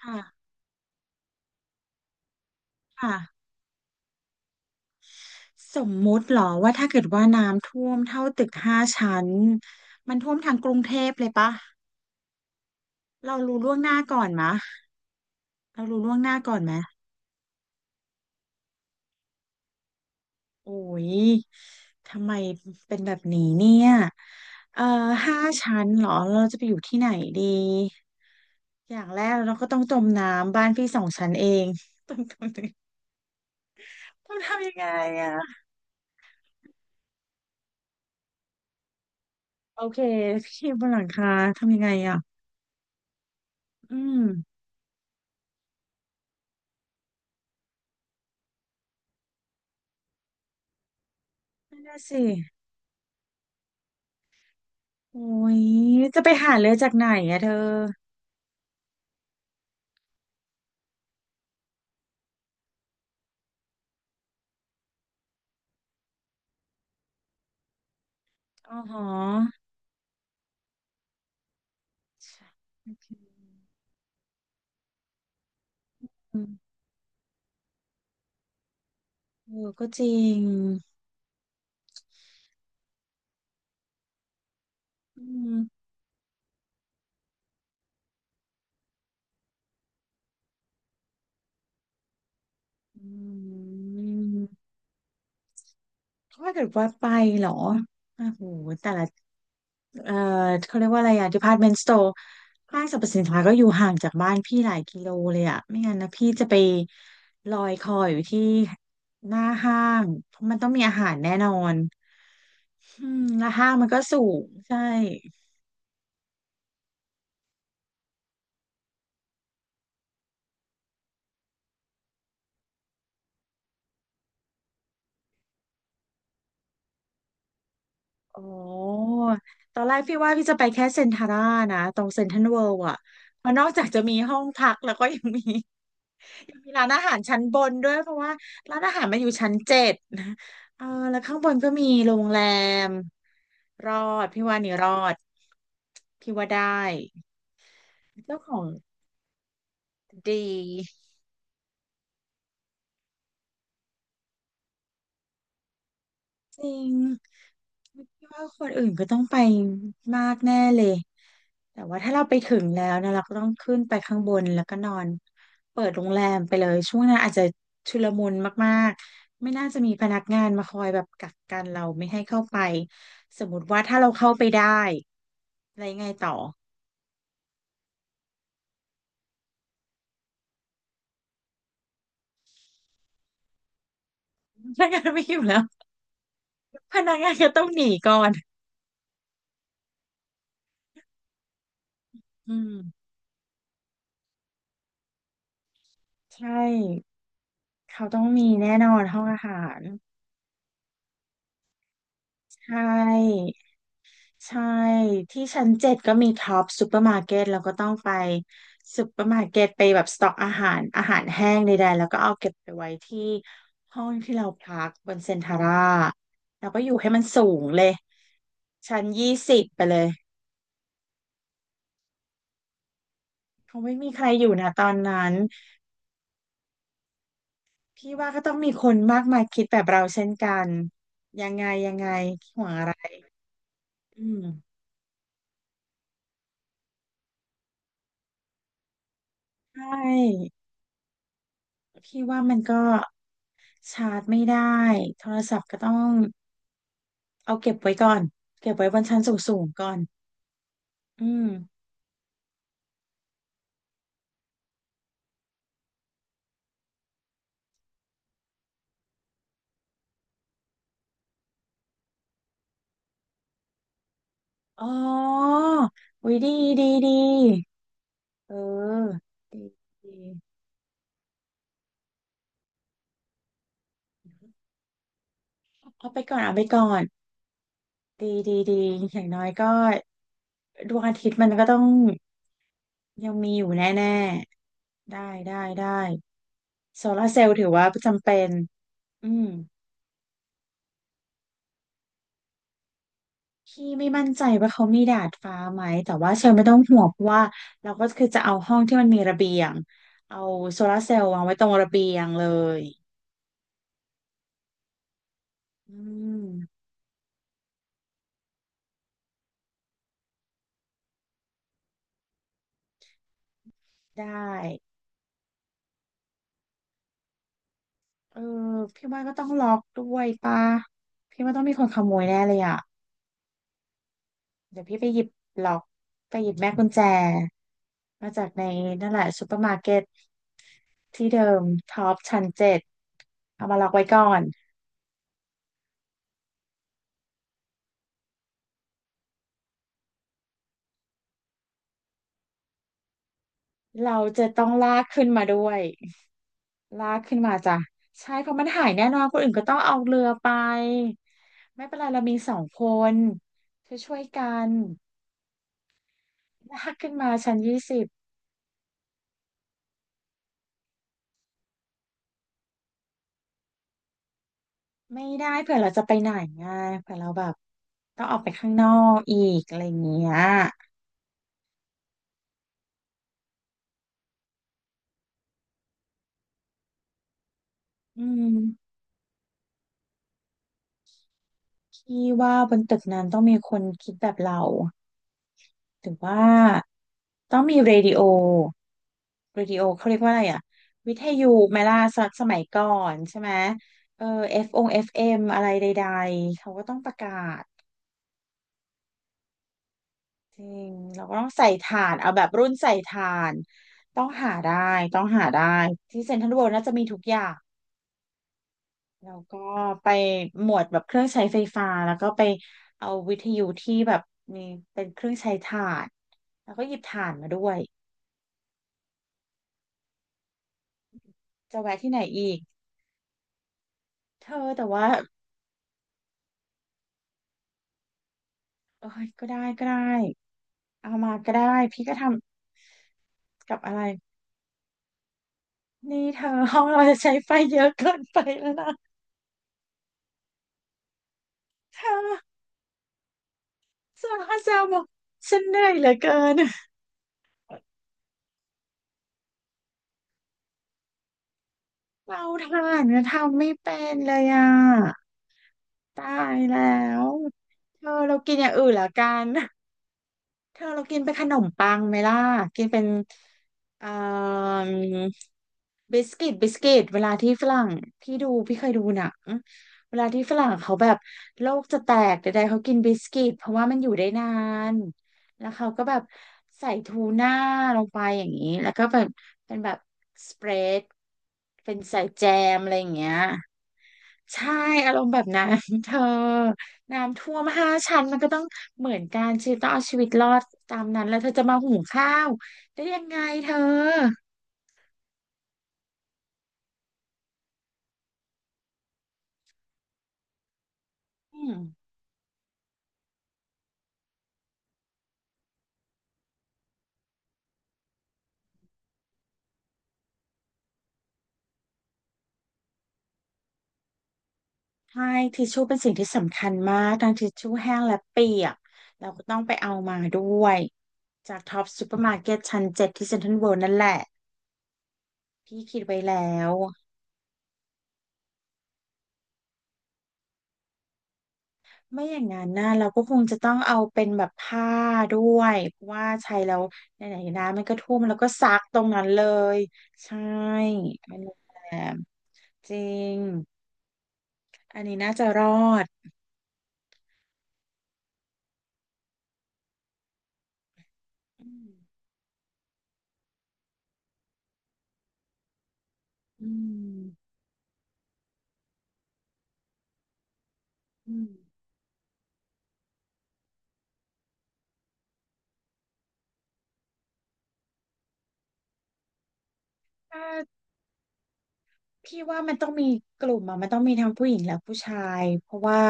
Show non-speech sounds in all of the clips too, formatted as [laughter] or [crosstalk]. ค่ะค่ะสมมุติเหรอว่าถ้าเกิดว่าน้ำท่วมเท่าตึกห้าชั้นมันท่วมทางกรุงเทพเลยปะเรารู้ล่วงหน้าก่อนมะเรารู้ล่วงหน้าก่อนไหมโอ้ยทำไมเป็นแบบนี้เนี่ยเอ่อห้าชั้นเหรอเราจะไปอยู่ที่ไหนดีอย่างแรกเราก็ต้องจมน้ำบ้านพี่สองชั้นเอง [laughs] ต้องต้องทำยังไงอะโอเคพี่บนหลังคาทำยังไงอะอืมนั่นน่ะสิ โอ้ยจะไปหาเลยจากไหนอะเธออ๋อหอโอเคอืมเออก็จริงอืมอืมถ้าเกิดว่าไปเหรอโอ้โหแต่ละเออเขาเรียกว่าอะไรอะ department store ห้างสรรพสินค้าก็อยู่ห่างจากบ้านพี่หลายกิโลเลยอะไม่งั้นนะพี่จะไปลอยคออยู่ที่หน้าห้างเพราะมันต้องมีอาหารแน่นอนอืมแล้วห้างมันก็สูงใช่ โอ้ตอนแรกพี่ว่าพี่จะไปแค่เซ็นทาร่านะตรงเซ็นทรัลเวิลด์อ่ะเพราะนอกจากจะมีห้องพักแล้วก็ยังมี [laughs] ยังมีร้านอาหารชั้นบนด้วยเพราะว่าร้านอาหารมันอยู่ชั้นเจ็ดนะเออแล้วข้างบนก็มีโรงแรมรอดพี่ว่านี่รอดพี่ว่าได้เจ้าของดี จริงพี่ว่าคนอื่นก็ต้องไปมากแน่เลยแต่ว่าถ้าเราไปถึงแล้วนะเราก็ต้องขึ้นไปข้างบนแล้วก็นอนเปิดโรงแรมไปเลยช่วงนั้นอาจจะชุลมุนมากๆไม่น่าจะมีพนักงานมาคอยแบบกักกันเราไม่ให้เข้าไปสมมติว่าถ้าเราเข้าไปได้อะไรไงต่อพนักงานไม่อยู่แล้วพนักงานก็ต้องหนีก่อนอืมใช่เขาต้องมีแน่นอนห้องอาหารใช่ ใช่ที่ชั้นเจ็ดก็มีท็อปซูเปอร์มาร์เก็ตเราก็ต้องไปซูเปอร์มาร์เก็ตไปแบบสต็อกอาหารอาหารแห้งใดๆแล้วก็เอาเก็บไปไว้ที่ห้องที่เราพักบนเซ็นทาร่าแล้วก็อยู่ให้มันสูงเลยชั้นยี่สิบไปเลยคงไม่มีใครอยู่นะตอนนั้นพี่ว่าก็ต้องมีคนมากมายคิดแบบเราเช่นกันยังไงยังไงห่วงอะไรอืมใช่พี่ว่ามันก็ชาร์จไม่ได้โทรศัพท์ก็ต้อง เอาเก็บไว้ก่อนเก็บไว้บนชั้นสูงๆก่อนอืม อ๋ออุ้ยดีดีดี เออดีดีเอาไปก่อนเอาไปก่อน ดีดีดี อย่างน้อยก็ดวงอาทิตย์มันก็ต้องยังมีอยู่แน่ๆได้ได้ได้โซลาร์เซลล์ถือว่าจำเป็น อืม พี่ไม่มั่นใจว่าเขามีดาดฟ้าไหมแต่ว่าเชลไม่ต้องห่วงเพราะว่าเราก็คือจะเอาห้องที่มันมีระเบียงเอาโซลาร์เซลล์วางไว้ตรงระเบียงเลยอืมได้เออพี่ว่าก็ต้องล็อกด้วยป่ะพี่ว่าต้องมีคนขโมยแน่เลยอ่ะเดี๋ยวพี่ไปหยิบล็อกไปหยิบแม่กุญแจมาจากในนั่นแหละซูเปอร์มาร์เก็ตที่เดิมท็อปชั้นเจ็ดเอามาล็อกไว้ก่อนเราจะต้องลากขึ้นมาด้วย ลากขึ้นมาจ้ะใช่เพราะมันหายแน่นอนคนอื่นก็ต้องเอาเรือไปไม่เป็นไรเรามีสองคนช่วยช่วยกันลากขึ้นมาชั้นยี่สิบไม่ได้เผื่อเราจะไปไหนไงเผื่อเราแบบต้องออกไปข้างนอกอีกอะไรอย่างเงี้ยอืมพี่ว่าบนตึกนั้นต้องมีคนคิดแบบเราถึงว่าต้องมีเรดิโอ วิดีโอเขาเรียกว่าอะไรอ่ะวิทยุไหมล่ะสมัยสมัยก่อนใช่ไหมเออ F อฟอง FM อฟเอ็มอะไรใดๆเขาก็ต้องประกาศจริงเราก็ต้องใส่ถานเอาแบบรุ่นใส่ถานต้องหาได้ต้องหาได้ที่เซ็นทรัลเวิลด์น่าจะมีทุกอย่างแล้วก็ไปหมวดแบบเครื่องใช้ไฟฟ้าแล้วก็ไปเอาวิทยุที่แบบมีเป็นเครื่องใช้ถ่านแล้วก็หยิบถ่านมาด้วยจะแวะที่ไหนอีกเธอแต่ว่าเอ้ยก็ได้ก็ได้ เอามาก็ได้พี่ก็ทำกับอะไรนี่เธอห้องเราจะใช้ไฟเยอะเกินไปแล้วนะเธอสาวเซลบอกฉันเหนื่อยเหลือเกินเราทานก็ทำไม่เป็นเลยอ่ะตายแล้วเธอเรากินอย่างอื่นละกันเธอเรากินเป็นขนมปังไหมล่ะกินเป็นเอ่อ บิสกิตบิสกิตเวลาที่ฝรั่งพี่ดูพี่เคยดูหนังเวลาที่ฝรั่งเขาแบบโลกจะแตกใดๆเขากินบิสกิตเพราะว่ามันอยู่ได้นานแล้วเขาก็แบบใส่ทูน่าลงไปอย่างนี้แล้วก็แบบเป็นแบบสเปรดเป็นใส่แจมอะไรอย่างเงี้ยใช่อารมณ์แบบนั้น [laughs] เธอน้ำท่วมห้าชั้นมันก็ต้องเหมือนกันชีวิตต้องเอาชีวิตรอดตามนั้นแล้วเธอจะมาหุงข้าวได้ยังไงเธออืม ใช่ทิชชู่เป็นสิ่งที่สำคัญมากทั้งทิชชู่แห้งและเปียกเราก็ต้องไปเอามาด้วยจากท็อปซูเปอร์มาร์เก็ตชั้นเจ็ดที่เซ็นทรัลเวิลด์นั่นแหละพี่คิดไว้แล้วไม่อย่างนั้นนะเราก็คงจะต้องเอาเป็นแบบผ้าด้วยเพราะว่าใช้แล้วไหนๆนะมันก็ท่วมแล้วก็ซักตรงนั้นเลยใช่เป็นโรงแรมจริงอันนี้น่าจะรอดอืมอืมอืมใช่ พี่ว่ามันต้องมีกลุ่มอ่ะมันต้องมีทั้งผู้หญิงและผู้ชายเพราะว่า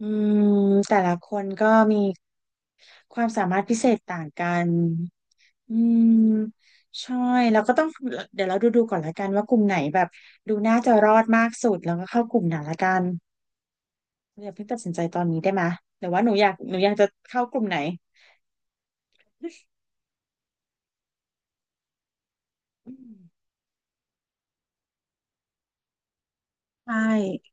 อืมแต่ละคนก็มีความสามารถพิเศษต่างกันอืมใช่แล้วก็ต้องเดี๋ยวเราดูก่อนละกันว่ากลุ่มไหนแบบดูน่าจะรอดมากสุดแล้วก็เข้ากลุ่มไหนละกันอย่าเพิ่งตัดสินใจตอนนี้ได้ไหมยหรือว่าหนูอยากจะเข้ากลุ่มไหนอืมใช่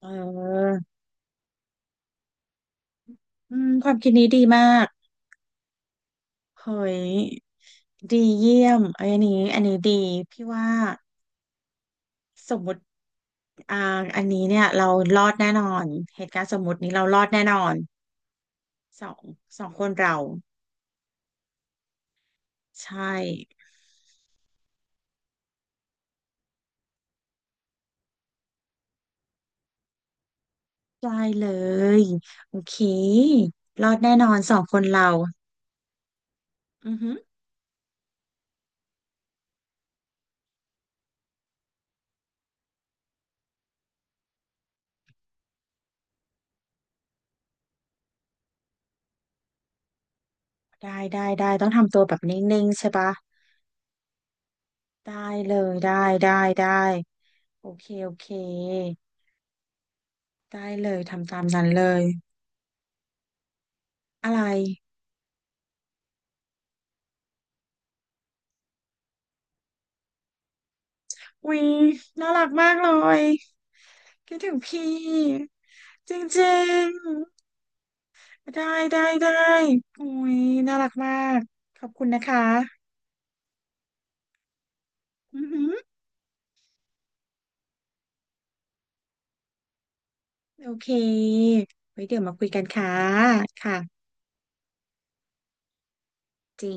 เอออืมความคิดนี้ดีมาก เฮ้ยดีเยี่ยมเอ้ยอันนี้อันนี้ดีพี่ว่าสมมติอ่าอันนี้เนี่ยเรารอดแน่นอนเหตุการณ์สมมตินี้เรารอดแน่นอนสองสองคนเราใช่ได้เลยโอเครอดแน่นอนสองคนเราอือฮึได้ต้องทำตัวแบบนิ่งๆใช่ปะได้เลยได้ได้โอเคโอเคได้เลยทำตามนั้นเลยอะไรวิน่ารักมากเลย คิดถึงพี่จริงๆได้โอ้ยน่ารักมากขอบคุณนะคะอือหือโอเคไว้เดี๋ยวมาคุยกันค่ะค่ะจริง